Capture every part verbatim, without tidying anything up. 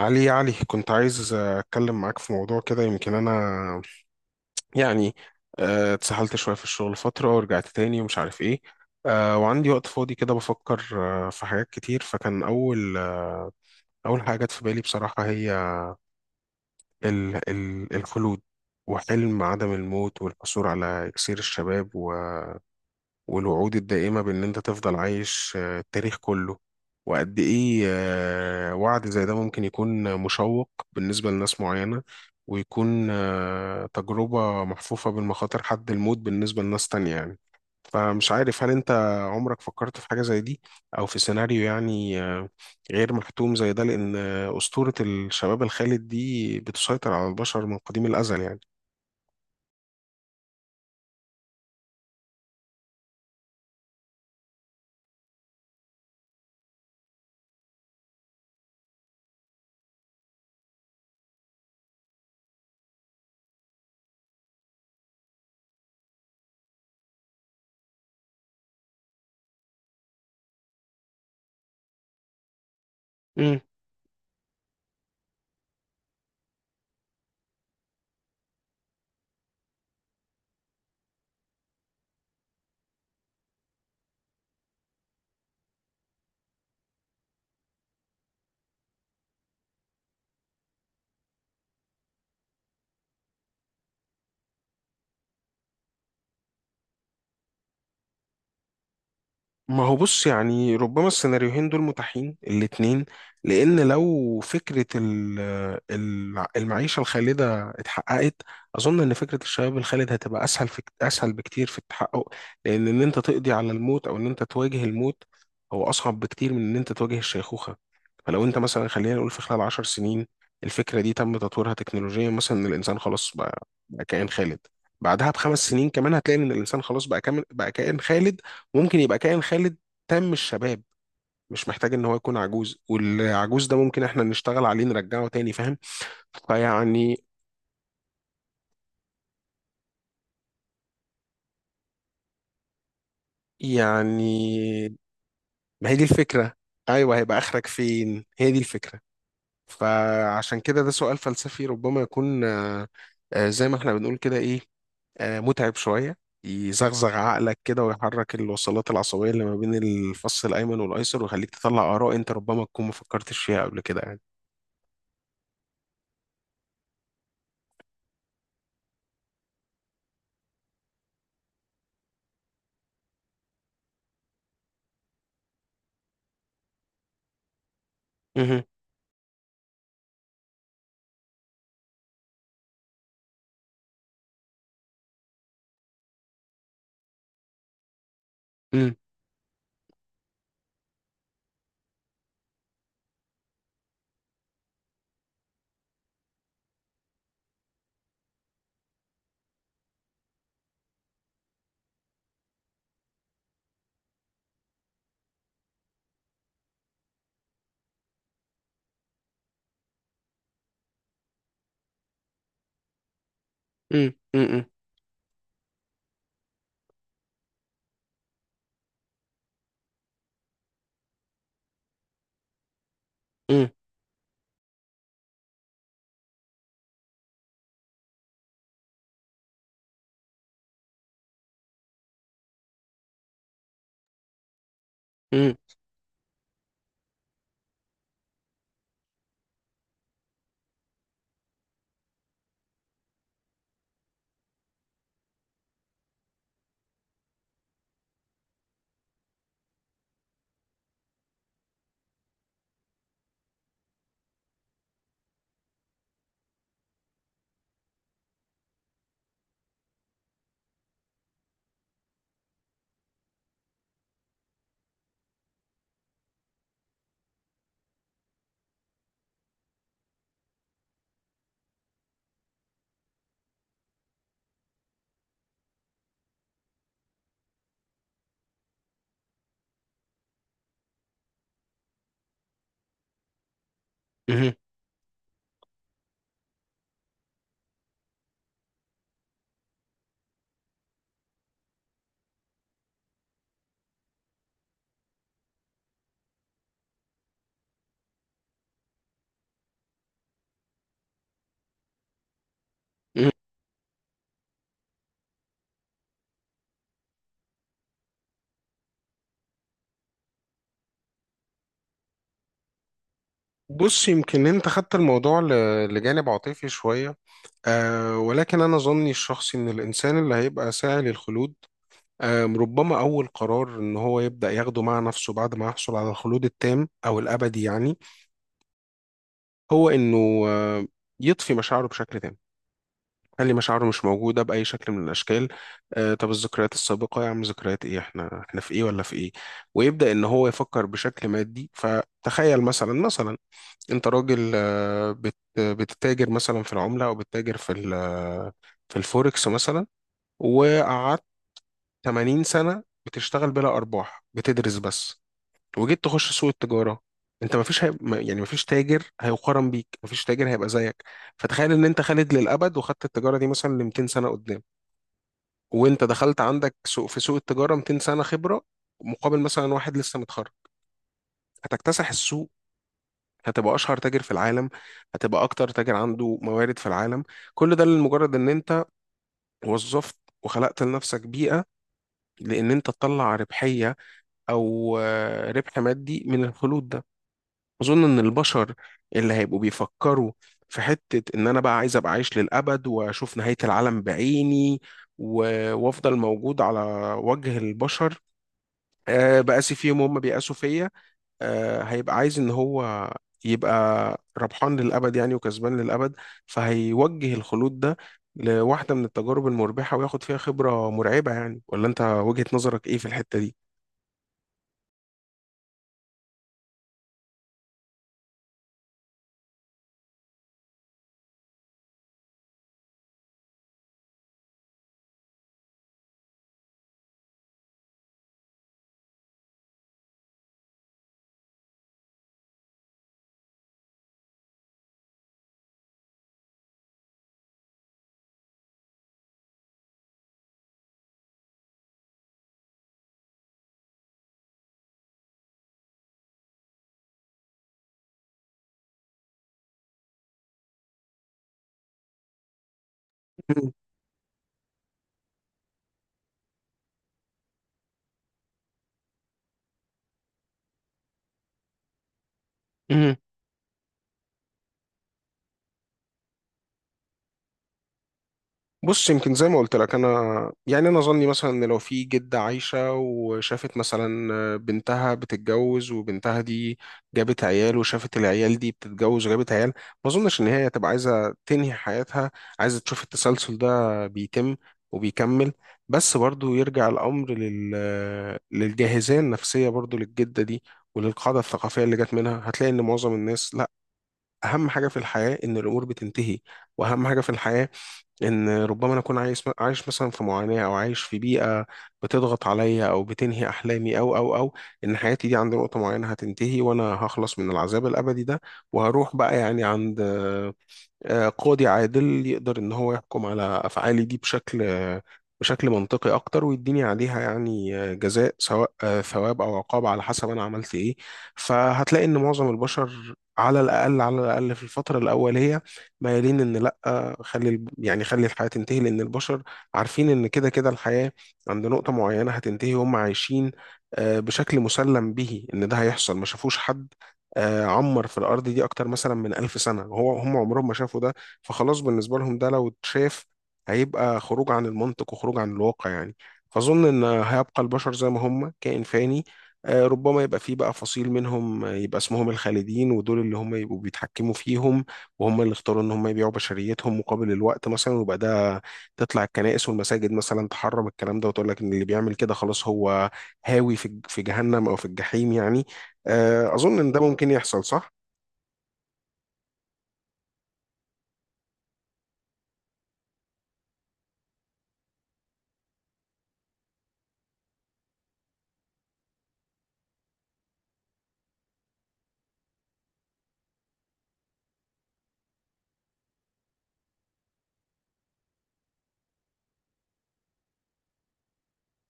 علي يا علي كنت عايز أتكلم معاك في موضوع كده يمكن أنا يعني آه، اتسحلت شوية في الشغل فترة ورجعت تاني ومش عارف إيه. آه، وعندي وقت فاضي كده بفكر آه، في حاجات كتير، فكان أول آه، أول حاجة جت في بالي بصراحة هي ال ال الخلود، وحلم عدم الموت والحصول على إكسير الشباب، والوعود الدائمة بإن أنت تفضل عايش آه، التاريخ كله. وقد إيه آه، وعد زي ده ممكن يكون مشوق بالنسبة لناس معينة، ويكون آه، تجربة محفوفة بالمخاطر حد الموت بالنسبة لناس تانية يعني. فمش عارف، هل أنت عمرك فكرت في حاجة زي دي، أو في سيناريو يعني آه، غير محتوم زي ده؟ لأن آه، أسطورة الشباب الخالد دي بتسيطر على البشر من قديم الأزل يعني. ما هو بص، يعني ربما السيناريوهين دول متاحين الاتنين، لأن لو فكرة ال- ال- المعيشة الخالدة اتحققت، أظن إن فكرة الشباب الخالد هتبقى أسهل في أسهل بكتير في التحقق، لأن إن أنت تقضي على الموت أو إن أنت تواجه الموت هو أصعب بكتير من إن أنت تواجه الشيخوخة. فلو أنت مثلا، خلينا نقول، في خلال عشر سنين الفكرة دي تم تطويرها تكنولوجيا، مثلا إن الإنسان خلاص بقى بقى كائن خالد. بعدها بخمس سنين كمان هتلاقي إن الإنسان خلاص بقى كامل، بقى كائن خالد. ممكن يبقى كائن خالد تام الشباب، مش محتاج ان هو يكون عجوز، والعجوز ده ممكن احنا نشتغل عليه نرجعه تاني، فاهم؟ فيعني يعني ما هي دي الفكرة. ايوه، هيبقى اخرك فين، هي دي الفكرة. فعشان كده ده سؤال فلسفي، ربما يكون آه، آه، زي ما احنا بنقول كده، ايه، آه، متعب شوية، يزغزغ عقلك كده ويحرك الوصلات العصبية اللي ما بين الفص الأيمن والأيسر، ويخليك تطلع آراء أنت ربما تكون ما فكرتش فيها قبل كده يعني. مهم. مم. مم. مم. مم. مم. مم. مم. بص، يمكن انت خدت الموضوع ل- لجانب عاطفي شوية، آه، ولكن انا ظني الشخصي ان الانسان اللي هيبقى ساعي للخلود، آه، ربما اول قرار ان هو يبدأ ياخده مع نفسه بعد ما يحصل على الخلود التام او الابدي يعني، هو انه آه يطفي مشاعره بشكل تام، خلي مشاعره مش موجودة بأي شكل من الأشكال. آه، طب الذكريات السابقة يا عم؟ ذكريات إيه، إحنا إحنا في إيه ولا في إيه؟ ويبدأ إن هو يفكر بشكل مادي. فتخيل، مثلا مثلا انت راجل، آه، بت- بتتاجر مثلا في العملة او بتتاجر في ال- في الفوركس مثلا، وقعدت ثمانين سنة بتشتغل بلا ارباح، بتدرس بس، وجيت تخش سوق التجارة. انت مفيش هي... م- يعني مفيش تاجر هيقارن بيك، مفيش تاجر هيبقى زيك. فتخيل ان انت خالد للابد، وخدت التجارة دي مثلا ل ميتين سنة قدام، وانت دخلت عندك سوق، في سوق التجارة ميتين سنة خبرة، مقابل مثلا واحد لسه متخرج. هتكتسح السوق، هتبقى اشهر تاجر في العالم، هتبقى اكتر تاجر عنده موارد في العالم. كل ده لمجرد ان انت وظفت وخلقت لنفسك بيئة، لان انت تطلع ربحية او آه، ربح مادي من الخلود ده. اظن ان البشر اللي هيبقوا بيفكروا في حتة ان انا بقى عايز ابقى عايش للابد واشوف نهاية العالم بعيني، و- وافضل موجود على وجه البشر، آه، بقاسي فيهم وهم بيقاسوا فيا، آه، هيبقى عايز ان هو يبقى ربحان للابد يعني، وكسبان للابد. فهيوجه الخلود ده لواحده من التجارب المربحه، وياخد فيها خبره مرعبه يعني. ولا انت وجهة نظرك ايه في الحته دي؟ بص، يمكن زي ما قلت لك، انا يعني انا ظني مثلا ان لو في جده عايشه، وشافت مثلا بنتها بتتجوز، وبنتها دي جابت عيال، وشافت العيال دي بتتجوز وجابت عيال، ما اظنش ان هي هتبقى عايزه تنهي حياتها. عايزه تشوف التسلسل ده بيتم وبيكمل. بس برضو يرجع الامر لل للجاهزيه النفسيه برضو للجده دي، وللقاعده الثقافيه اللي جت منها. هتلاقي ان معظم الناس لا، اهم حاجه في الحياه ان الامور بتنتهي، واهم حاجه في الحياه ان ربما انا اكون عايش عايش مثلا في معاناه، او عايش في بيئه بتضغط عليا او بتنهي احلامي، او او او ان حياتي دي عند نقطه معينه هتنتهي، وانا هخلص من العذاب الابدي ده، وهروح بقى يعني عند آه، قاضي عادل يقدر ان هو يحكم على افعالي دي بشكل آه، بشكل منطقي اكتر، ويديني عليها يعني آه، جزاء، سواء آه، ثواب او عقاب على حسب انا عملت ايه. فهتلاقي ان معظم البشر على الاقل، على الاقل في الفتره الاوليه مايلين ان لا، آه، خلي الب- يعني خلي الحياه تنتهي، لان البشر عارفين ان كده كده الحياه عند نقطه معينه هتنتهي، وهم عايشين آه، بشكل مسلم به ان ده هيحصل. ما شافوش حد آه، عمر في الأرض دي أكتر مثلا من ألف سنة، هو هم عمرهم ما شافوا ده. فخلاص بالنسبة لهم ده لو اتشاف هيبقى خروج عن المنطق وخروج عن الواقع يعني. فأظن إن هيبقى البشر زي ما هم، كائن فاني، آه، ربما يبقى فيه بقى فصيل منهم، آه، يبقى اسمهم الخالدين، ودول اللي هم يبقوا بيتحكموا فيهم، وهم اللي اختاروا إن هم يبيعوا بشريتهم مقابل الوقت مثلا. ويبقى ده تطلع الكنائس والمساجد مثلا تحرم الكلام ده، وتقول لك إن اللي بيعمل كده خلاص هو هاوي في في جهنم أو في الجحيم يعني. آه، أظن إن ده ممكن يحصل، صح؟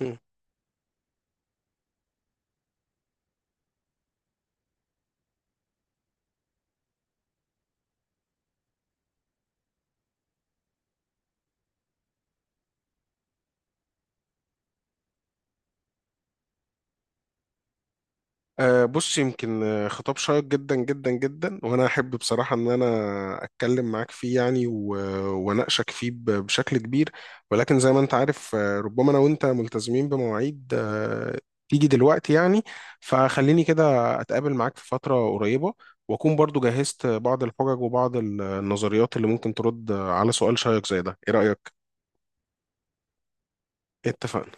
مم. آه، بص، يمكن آه، خطاب شيق جدا جدا جدا، وأنا أحب بصراحة إن أنا أتكلم معاك فيه يعني، و- وأناقشك فيه ب- بشكل كبير، ولكن زي ما أنت عارف، آه، ربما أنا وأنت ملتزمين بمواعيد آه، تيجي دلوقتي يعني. فخليني كده أتقابل معاك في فترة قريبة، وأكون برضو جهزت بعض الحجج وبعض النظريات اللي ممكن ترد على سؤال شيق زي ده، إيه رأيك؟ إيه اتفقنا